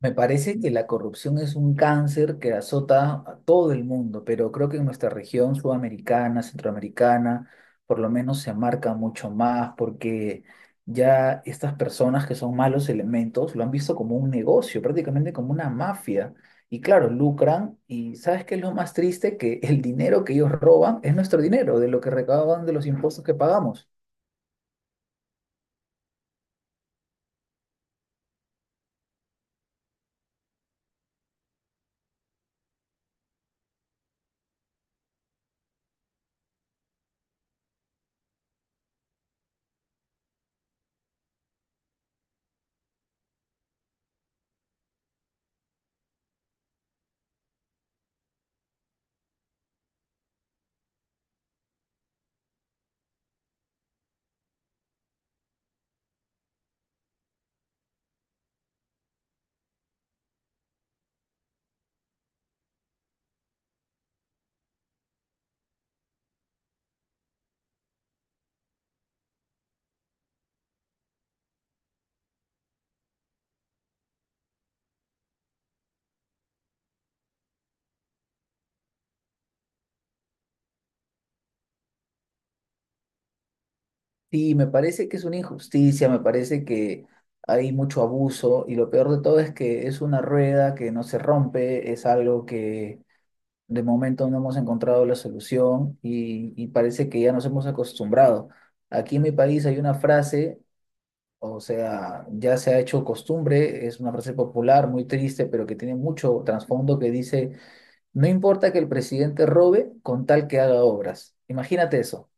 Me parece que la corrupción es un cáncer que azota a todo el mundo, pero creo que en nuestra región sudamericana, centroamericana, por lo menos se marca mucho más porque ya estas personas que son malos elementos lo han visto como un negocio, prácticamente como una mafia. Y claro, lucran y ¿sabes qué es lo más triste? Que el dinero que ellos roban es nuestro dinero, de lo que recaudan de los impuestos que pagamos. Sí, me parece que es una injusticia, me parece que hay mucho abuso y lo peor de todo es que es una rueda que no se rompe, es algo que de momento no hemos encontrado la solución y parece que ya nos hemos acostumbrado. Aquí en mi país hay una frase, o sea, ya se ha hecho costumbre, es una frase popular, muy triste, pero que tiene mucho trasfondo, que dice: no importa que el presidente robe con tal que haga obras. Imagínate eso.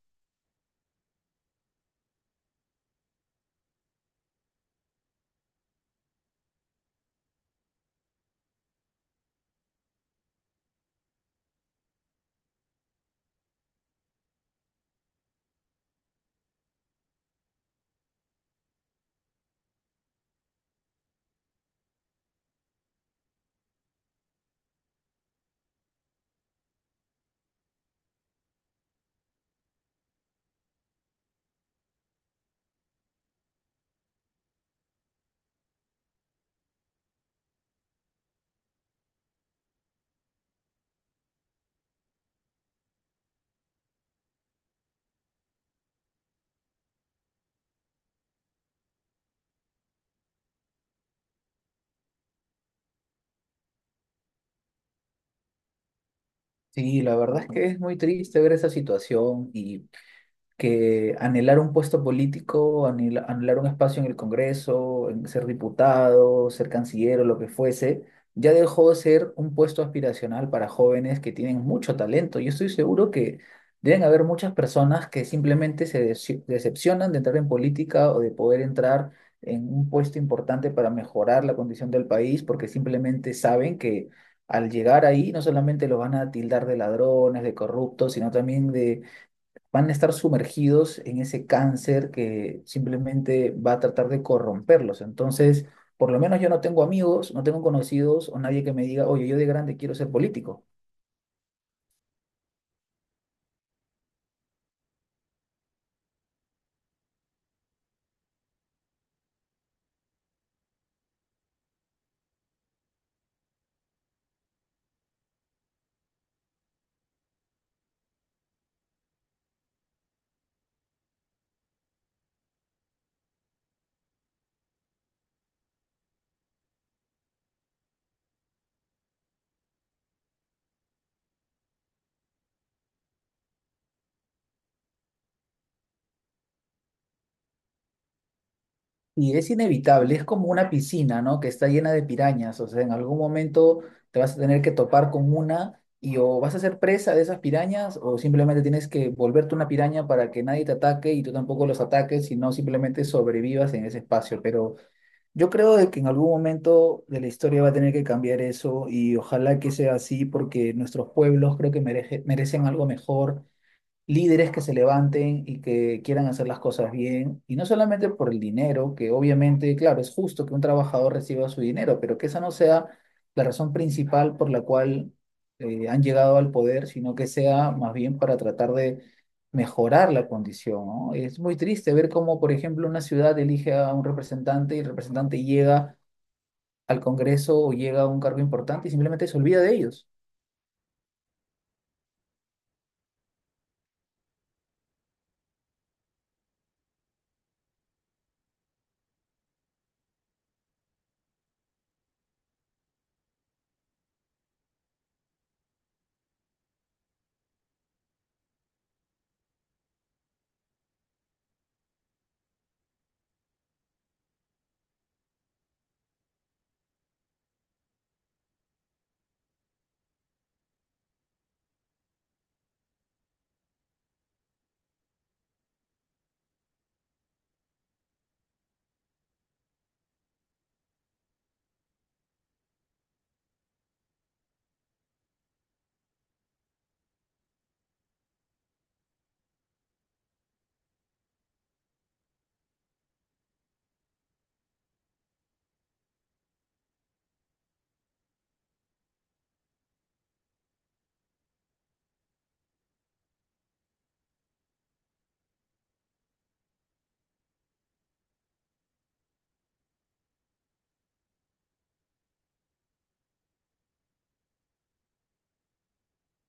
Sí, la verdad es que es muy triste ver esa situación, y que anhelar un puesto político, anhelar un espacio en el Congreso, en ser diputado, ser canciller o lo que fuese, ya dejó de ser un puesto aspiracional para jóvenes que tienen mucho talento. Yo estoy seguro que deben haber muchas personas que simplemente se decepcionan de entrar en política o de poder entrar en un puesto importante para mejorar la condición del país, porque simplemente saben que al llegar ahí no solamente los van a tildar de ladrones, de corruptos, sino también de van a estar sumergidos en ese cáncer que simplemente va a tratar de corromperlos. Entonces, por lo menos yo no tengo amigos, no tengo conocidos o nadie que me diga: oye, yo de grande quiero ser político. Y es inevitable, es como una piscina, ¿no? Que está llena de pirañas, o sea, en algún momento te vas a tener que topar con una y o vas a ser presa de esas pirañas o simplemente tienes que volverte una piraña para que nadie te ataque y tú tampoco los ataques, sino simplemente sobrevivas en ese espacio. Pero yo creo de que en algún momento de la historia va a tener que cambiar eso, y ojalá que sea así porque nuestros pueblos creo que merecen algo mejor, líderes que se levanten y que quieran hacer las cosas bien, y no solamente por el dinero, que obviamente, claro, es justo que un trabajador reciba su dinero, pero que esa no sea la razón principal por la cual han llegado al poder, sino que sea más bien para tratar de mejorar la condición, ¿no? Es muy triste ver cómo, por ejemplo, una ciudad elige a un representante y el representante llega al Congreso o llega a un cargo importante y simplemente se olvida de ellos.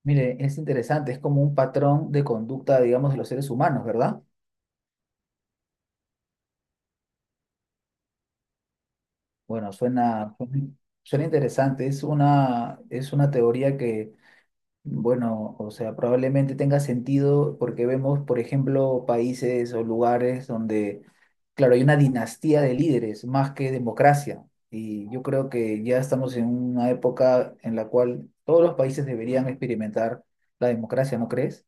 Mire, es interesante, es como un patrón de conducta, digamos, de los seres humanos, ¿verdad? Bueno, suena interesante. Es una teoría que, bueno, o sea, probablemente tenga sentido porque vemos, por ejemplo, países o lugares donde, claro, hay una dinastía de líderes más que democracia. Y yo creo que ya estamos en una época en la cual todos los países deberían experimentar la democracia, ¿no crees?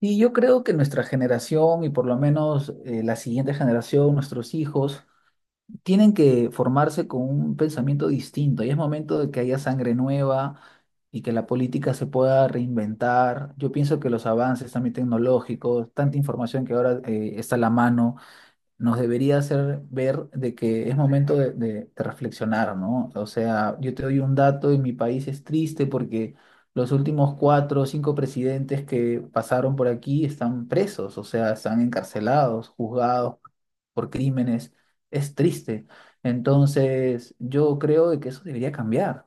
Y yo creo que nuestra generación y por lo menos la siguiente generación, nuestros hijos, tienen que formarse con un pensamiento distinto y es momento de que haya sangre nueva y que la política se pueda reinventar. Yo pienso que los avances también tecnológicos, tanta información que ahora está a la mano, nos debería hacer ver de que es momento de reflexionar, ¿no? O sea, yo te doy un dato y mi país es triste porque los últimos cuatro o cinco presidentes que pasaron por aquí están presos, o sea, están encarcelados, juzgados por crímenes. Es triste. Entonces, yo creo de que eso debería cambiar.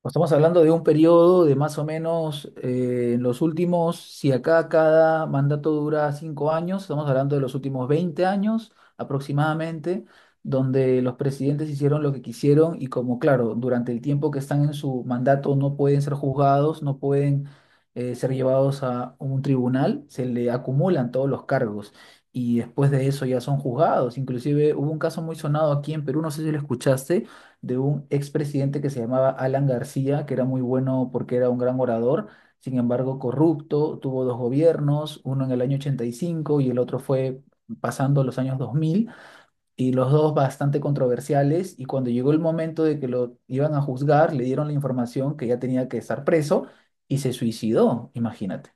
Pues estamos hablando de un periodo de más o menos en los últimos, si acá cada mandato dura 5 años, estamos hablando de los últimos 20 años aproximadamente, donde los presidentes hicieron lo que quisieron y, como claro, durante el tiempo que están en su mandato no pueden ser juzgados, no pueden ser llevados a un tribunal, se le acumulan todos los cargos y después de eso ya son juzgados. Inclusive hubo un caso muy sonado aquí en Perú, no sé si lo escuchaste, de un expresidente que se llamaba Alan García, que era muy bueno porque era un gran orador, sin embargo corrupto. Tuvo dos gobiernos, uno en el año 85 y cinco y el otro fue pasando los años 2000, y los dos bastante controversiales, y cuando llegó el momento de que lo iban a juzgar, le dieron la información que ya tenía que estar preso y se suicidó, imagínate.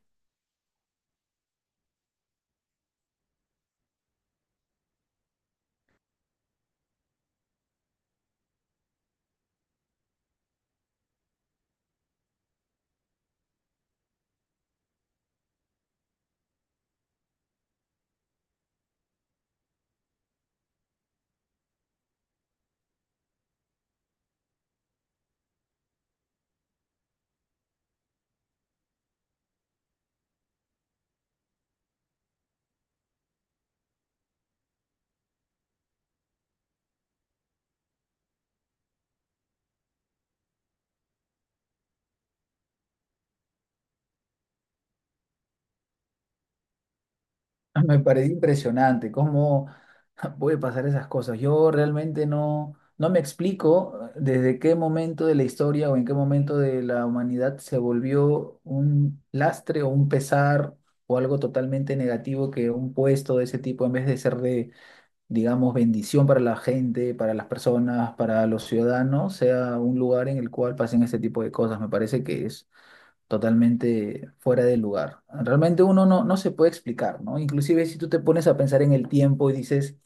Me parece impresionante cómo puede pasar esas cosas. Yo realmente no, no me explico desde qué momento de la historia o en qué momento de la humanidad se volvió un lastre o un pesar o algo totalmente negativo que un puesto de ese tipo, en vez de ser de, digamos, bendición para la gente, para las personas, para los ciudadanos, sea un lugar en el cual pasen ese tipo de cosas. Me parece que totalmente fuera de lugar. Realmente uno no, no se puede explicar, ¿no? Inclusive si tú te pones a pensar en el tiempo y dices: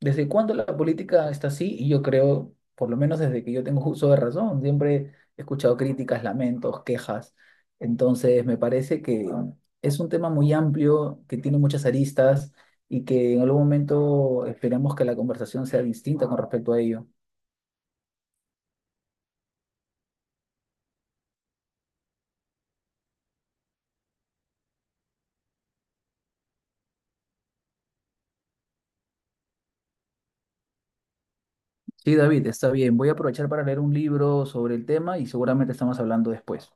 ¿desde cuándo la política está así? Y yo creo, por lo menos desde que yo tengo uso de razón, siempre he escuchado críticas, lamentos, quejas. Entonces, me parece que es un tema muy amplio, que tiene muchas aristas y que en algún momento esperemos que la conversación sea distinta con respecto a ello. Sí, David, está bien. Voy a aprovechar para leer un libro sobre el tema y seguramente estamos hablando después.